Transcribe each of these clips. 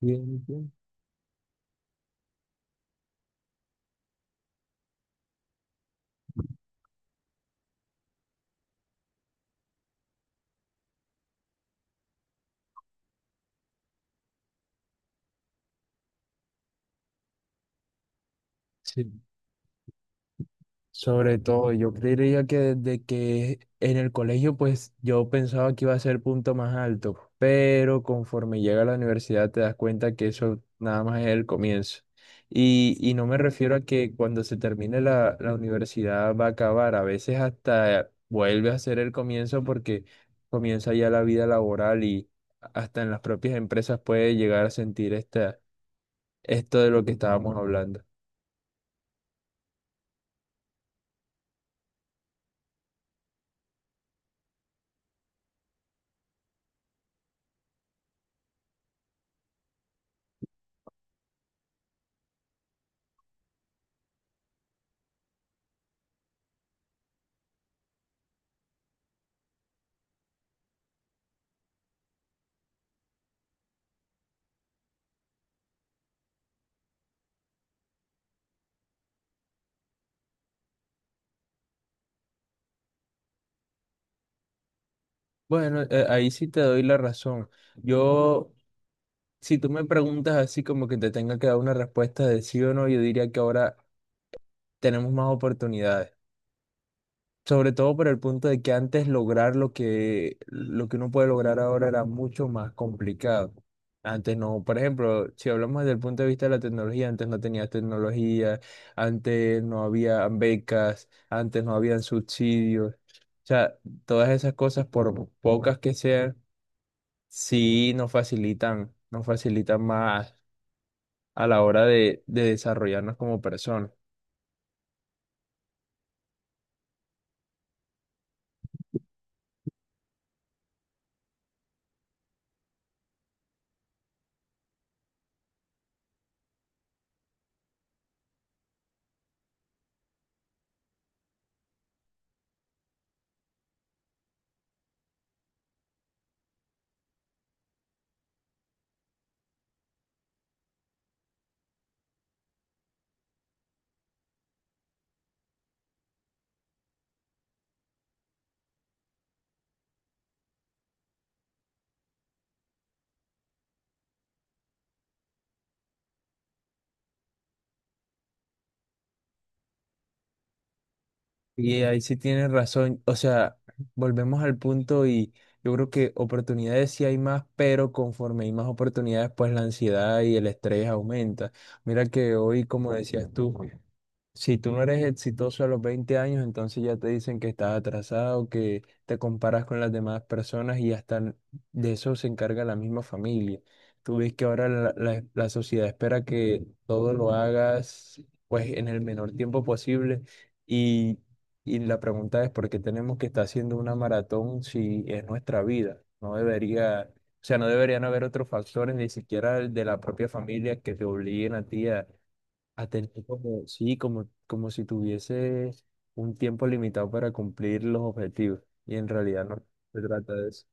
Bien, bien. Sí, sobre todo, yo creería que desde que en el colegio, pues yo pensaba que iba a ser punto más alto, pero conforme llega a la universidad te das cuenta que eso nada más es el comienzo. Y no me refiero a que cuando se termine la universidad va a acabar, a veces hasta vuelve a ser el comienzo porque comienza ya la vida laboral y hasta en las propias empresas puede llegar a sentir esto de lo que estábamos hablando. Bueno, ahí sí te doy la razón. Yo, si tú me preguntas así como que te tenga que dar una respuesta de sí o no, yo diría que ahora tenemos más oportunidades. Sobre todo por el punto de que antes lograr lo que uno puede lograr ahora era mucho más complicado. Antes no, por ejemplo, si hablamos desde el punto de vista de la tecnología, antes no tenías tecnología, antes no había becas, antes no habían subsidios. O sea, todas esas cosas, por pocas que sean. Sí, nos facilitan más a la hora de desarrollarnos como personas. Y ahí sí tienes razón, o sea, volvemos al punto y yo creo que oportunidades sí hay más, pero conforme hay más oportunidades, pues la ansiedad y el estrés aumenta. Mira que hoy, como decías tú, si tú no eres exitoso a los 20 años, entonces ya te dicen que estás atrasado, que te comparas con las demás personas y de eso se encarga la misma familia. Tú ves que ahora la sociedad espera que todo lo hagas pues en el menor tiempo posible y, y la pregunta es ¿por qué tenemos que estar haciendo una maratón si es nuestra vida? No debería, o sea, no deberían haber otros factores, ni siquiera el de la propia familia que te obliguen a ti a tener como, sí, como, como si tuviese un tiempo limitado para cumplir los objetivos. Y en realidad no se trata de eso.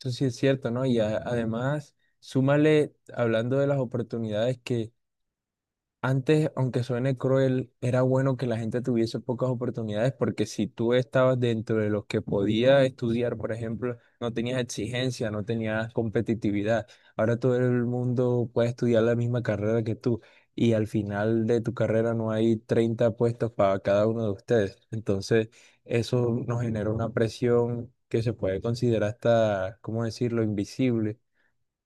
Eso sí es cierto, ¿no? Y además, súmale, hablando de las oportunidades, que antes, aunque suene cruel, era bueno que la gente tuviese pocas oportunidades porque si tú estabas dentro de los que podía estudiar, por ejemplo, no tenías exigencia, no tenías competitividad. Ahora todo el mundo puede estudiar la misma carrera que tú y al final de tu carrera no hay 30 puestos para cada uno de ustedes. Entonces, eso nos genera una presión que se puede considerar hasta, ¿cómo decirlo?, invisible,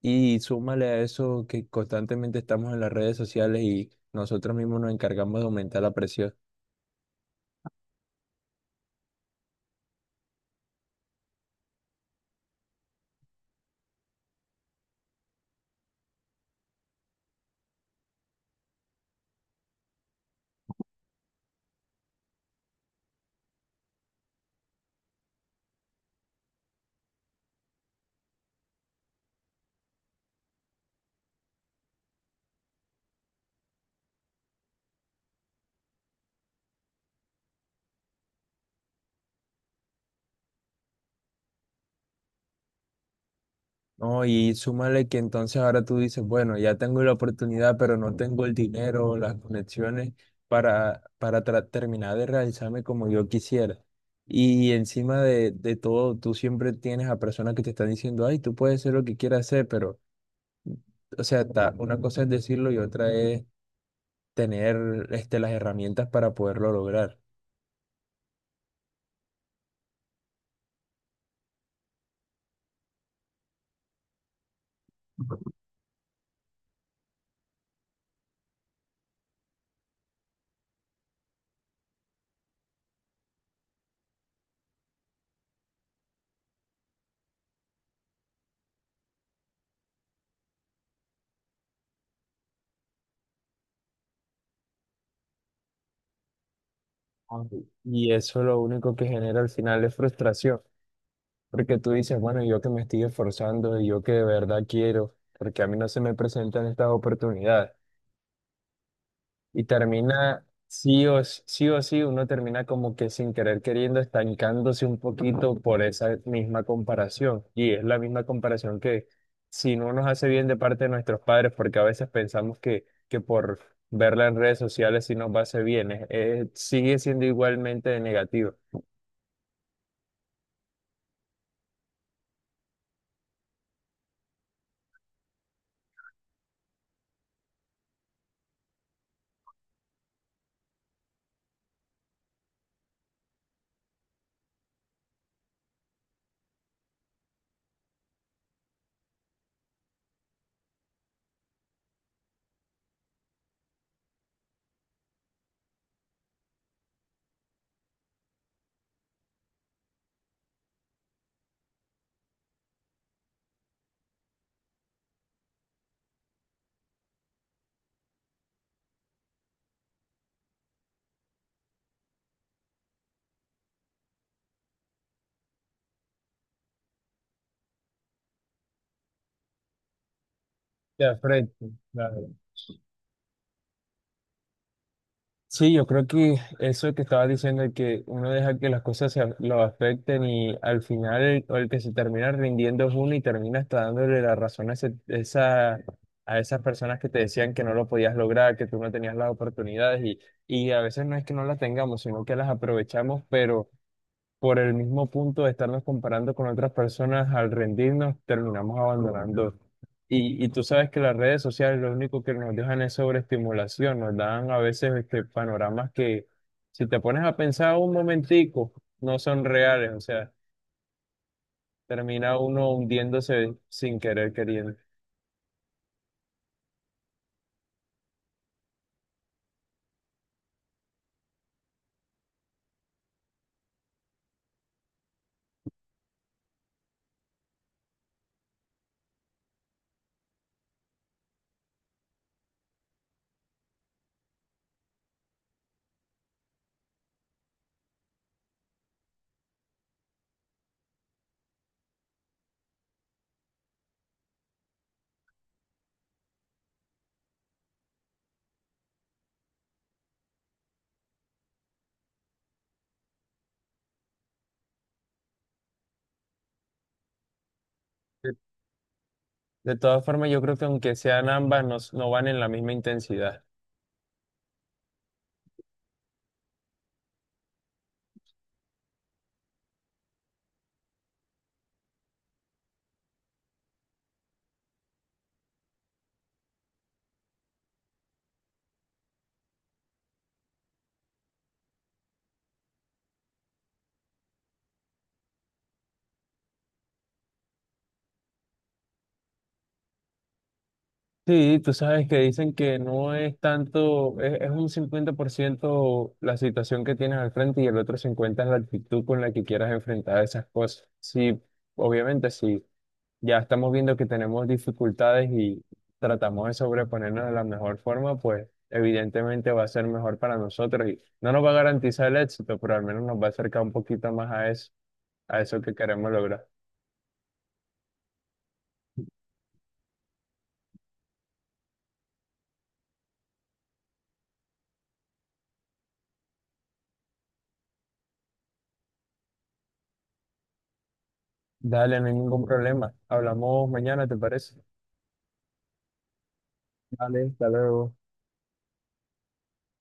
y súmale a eso que constantemente estamos en las redes sociales y nosotros mismos nos encargamos de aumentar la presión. No, y súmale que entonces ahora tú dices, bueno, ya tengo la oportunidad, pero no tengo el dinero, o las conexiones para terminar de realizarme como yo quisiera. Y encima de todo, tú siempre tienes a personas que te están diciendo, ay, tú puedes hacer lo que quieras hacer, pero, o sea, una cosa es decirlo y otra es tener este, las herramientas para poderlo lograr. Y eso lo único que genera al final es frustración, porque tú dices, bueno, yo que me estoy esforzando y yo que de verdad quiero, porque a mí no se me presentan estas oportunidades. Y termina, sí o s- sí, o sí, uno termina como que sin querer queriendo, estancándose un poquito por esa misma comparación. Y es la misma comparación que si no nos hace bien de parte de nuestros padres, porque a veces pensamos que por verla en redes sociales sí nos va a hacer bien, sigue siendo igualmente de negativo. De frente, claro. Sí, yo creo que eso que estaba diciendo de que uno deja que las cosas lo afecten y al final el que se termina rindiendo es uno y termina hasta dándole la razón a, esa, a esas personas que te decían que no lo podías lograr, que tú no tenías las oportunidades y a veces no es que no las tengamos, sino que las aprovechamos, por el mismo punto de estarnos comparando con otras personas, al rendirnos, terminamos abandonando. Y tú sabes que las redes sociales lo único que nos dejan es sobreestimulación, nos dan a veces este, panoramas que si te pones a pensar un momentico, no son reales, o sea, termina uno hundiéndose sin querer queriendo. De de todas formas, yo creo que aunque sean ambas, no, no van en la misma intensidad. Sí, tú sabes que dicen que no es tanto, es un 50% la situación que tienes al frente y el otro 50% es la actitud con la que quieras enfrentar esas cosas. Sí, obviamente, sí, ya estamos viendo que tenemos dificultades y tratamos de sobreponernos de la mejor forma, pues evidentemente va a ser mejor para nosotros y no nos va a garantizar el éxito, pero al menos nos va a acercar un poquito más a eso que queremos lograr. Dale, no hay ningún problema. Hablamos mañana, ¿te parece? Vale, hasta luego.